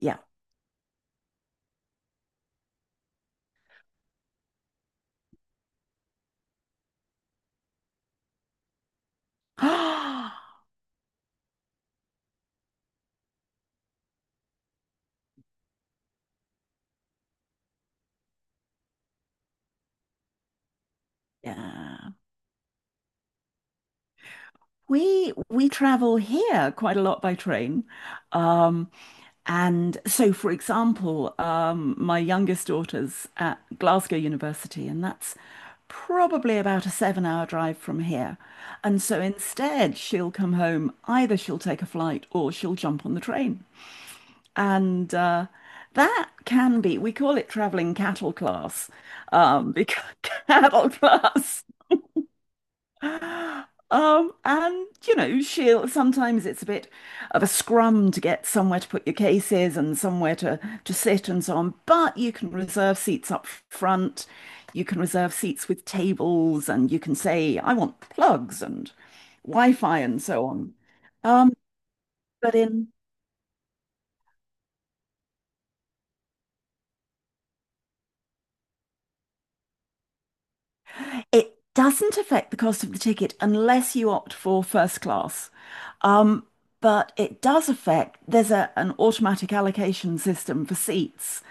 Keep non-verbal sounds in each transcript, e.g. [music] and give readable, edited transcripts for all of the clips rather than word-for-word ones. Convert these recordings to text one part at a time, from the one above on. Yeah. [gasps] Yeah. We travel here quite a lot by train. Um, and so for example, my youngest daughter's at Glasgow University, and that's probably about a 7 hour drive from here. And so instead she'll come home, either she'll take a flight or she'll jump on the train. And That can be, we call it traveling cattle class, because [laughs] cattle class. She'll sometimes it's a bit of a scrum to get somewhere to put your cases and somewhere to sit and so on. But you can reserve seats up front, you can reserve seats with tables, and you can say, I want plugs and Wi-Fi and so on. Um, but in It doesn't affect the cost of the ticket unless you opt for first class. Um, but it does affect, there's an automatic allocation system for seats.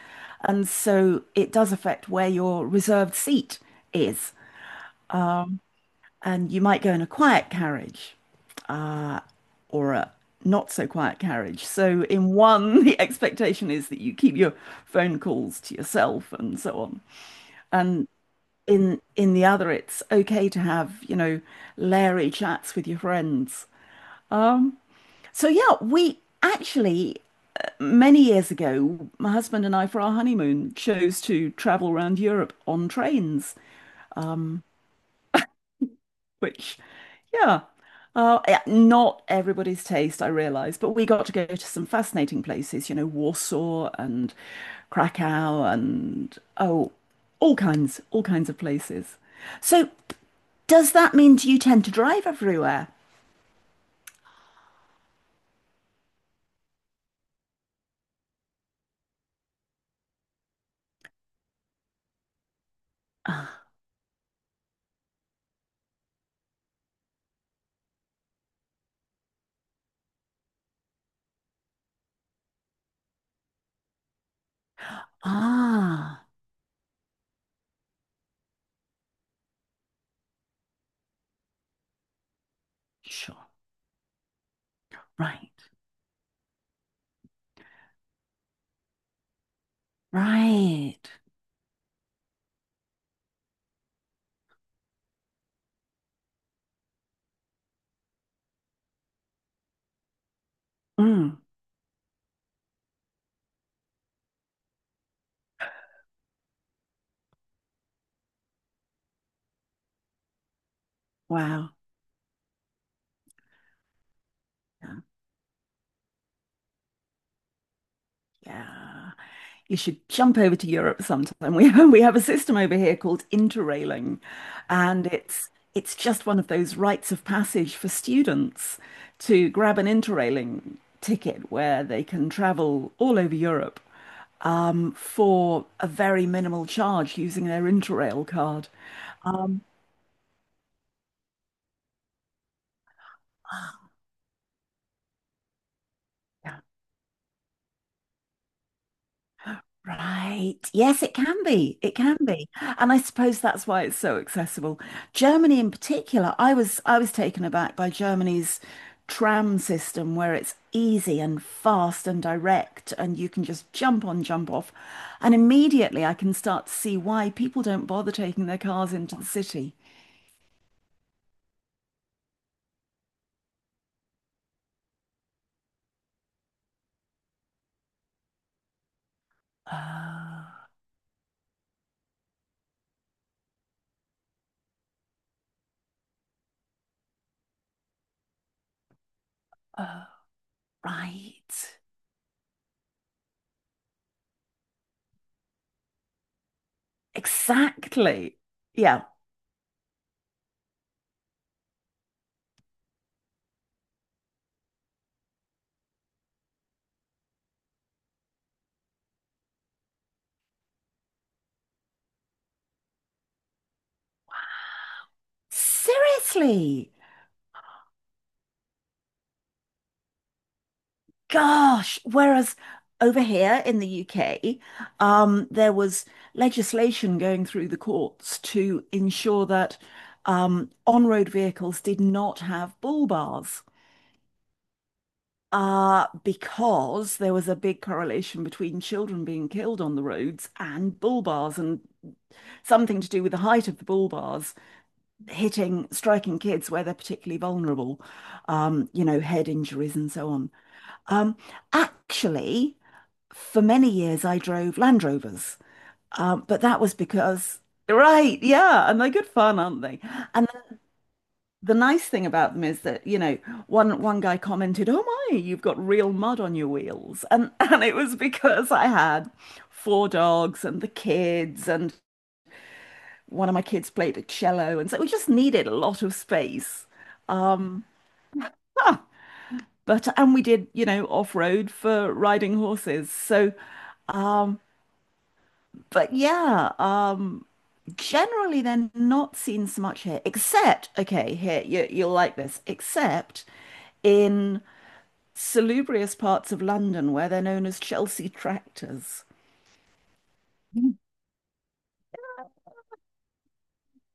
And so it does affect where your reserved seat is. And you might go in a quiet carriage or a not so quiet carriage. So, in one, [laughs] the expectation is that you keep your phone calls to yourself and so on. And in the other it's okay to have leery chats with your friends, so yeah, we actually many years ago my husband and I for our honeymoon chose to travel around Europe on trains, which yeah, yeah, not everybody's taste, I realise, but we got to go to some fascinating places, you know, Warsaw and Krakow and oh, all kinds of places. So, does that mean do you tend to drive everywhere? Ah, ah, sure. Right, right. Mm, wow. Yeah. Yeah. You should jump over to Europe sometime. [laughs] We have a system over here called interrailing, and it's just one of those rites of passage for students to grab an interrailing ticket where they can travel all over Europe, for a very minimal charge using their Interrail card. Um, yeah. Right. Yes, it can be. It can be. And I suppose that's why it's so accessible. Germany in particular, I was taken aback by Germany's tram system where it's easy and fast and direct and you can just jump on, jump off. And immediately I can start to see why people don't bother taking their cars into the city. Oh, oh, right. Exactly. Yeah. Seriously. Gosh, whereas over here in the UK, there was legislation going through the courts to ensure that on-road vehicles did not have bull bars, because there was a big correlation between children being killed on the roads and bull bars, and something to do with the height of the bull bars hitting, striking kids where they're particularly vulnerable, head injuries and so on. Um, actually, for many years, I drove Land Rovers, but that was because, right, yeah, and they're good fun, aren't they? And the nice thing about them is that, you know, one guy commented, "Oh my, you've got real mud on your wheels," and [laughs] and it was because I had four dogs and the kids, and one of my kids played a cello, and so we just needed a lot of space. Um, huh, but and we did, you know, off-road for riding horses, so. Um, But yeah, generally they're not seen so much here, except, okay, here, you, you'll like this, except in salubrious parts of London where they're known as Chelsea tractors.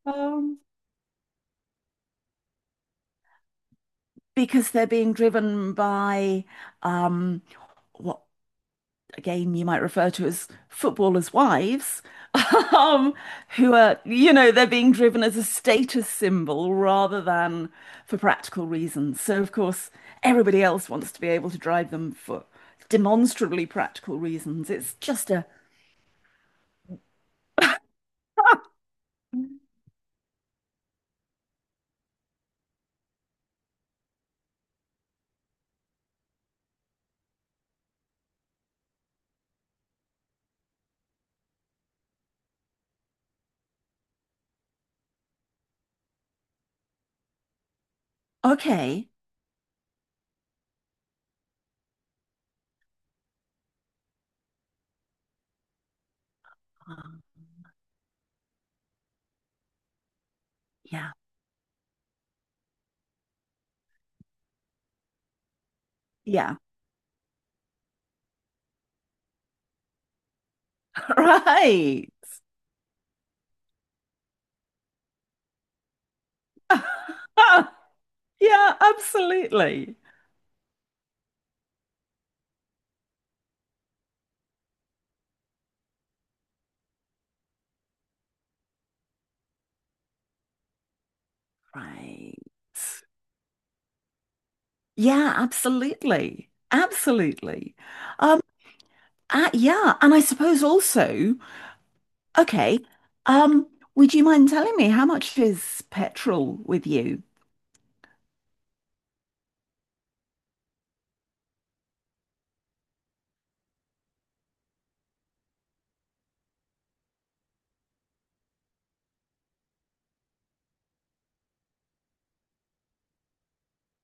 Um, because they're being driven by um, what again, you might refer to as footballers' wives, [laughs] um, who are, you know, they're being driven as a status symbol rather than for practical reasons. So, of course, everybody else wants to be able to drive them for demonstrably practical reasons. Okay, um, yeah, yeah, [laughs] right. [laughs] Yeah, absolutely. Right. Yeah, absolutely. Absolutely. Um, Ah, yeah, and I suppose also, okay, um, would you mind telling me how much is petrol with you?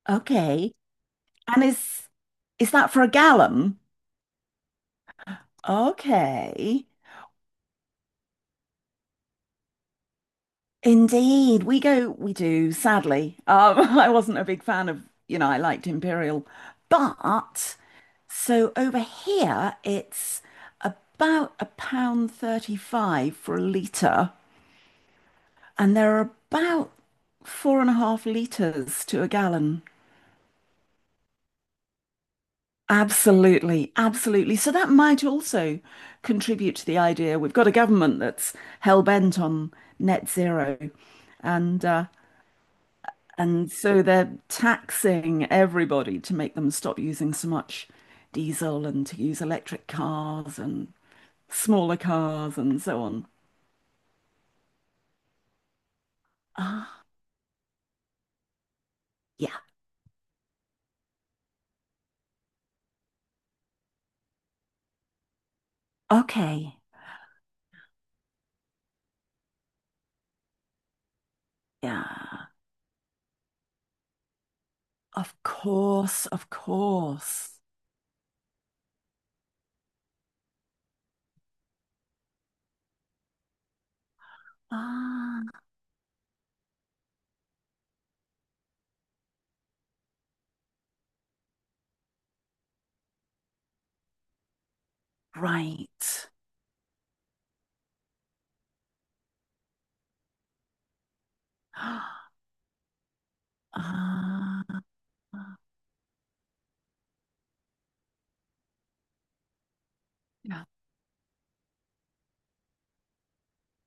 Okay. And is that for a gallon? Okay. Indeed. We go, we do, sadly. [laughs] I wasn't a big fan of, you know, I liked Imperial. But so over here it's about a pound 35 for a litre. And there are about 4.5 litres to a gallon. Absolutely, absolutely. So that might also contribute to the idea. We've got a government that's hell bent on net zero, and uh, and so they're taxing everybody to make them stop using so much diesel and to use electric cars and smaller cars and so on. Ah, yeah. Okay. Yeah. Of course, of course. Ah, right. Ah, yeah,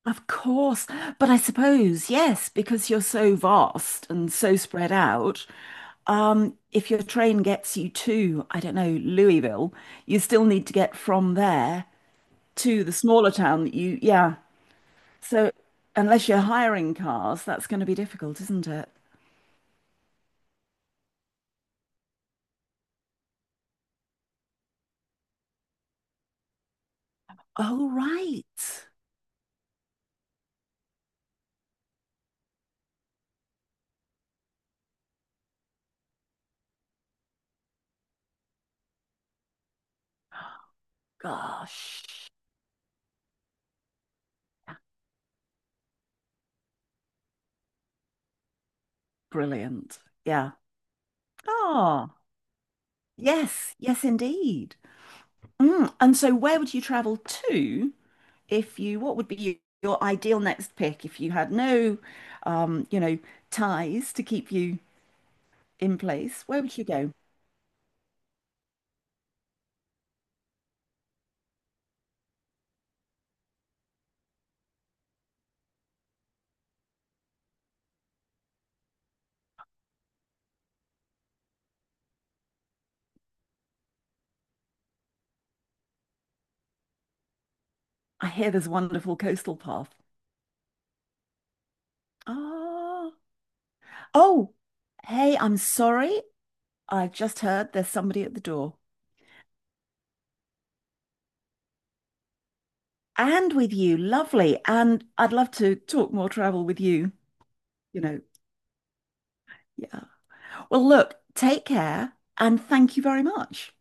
of course. But I suppose, yes, because you're so vast and so spread out, if your train gets you to, I don't know, Louisville, you still need to get from there to the smaller town that you, yeah. So unless you're hiring cars, that's going to be difficult, isn't it? Oh, right. Gosh, brilliant. Yeah. Oh, yes, yes, indeed. Mm. And so, where would you travel to if you, what would be your ideal next pick if you had no, um, you know, ties to keep you in place? Where would you go? I hear there's a wonderful coastal path. Ah, oh, hey, I'm sorry. I've just heard there's somebody at the door. And with you, lovely. And I'd love to talk more travel with you, you know. Yeah. Well, look, take care and thank you very much.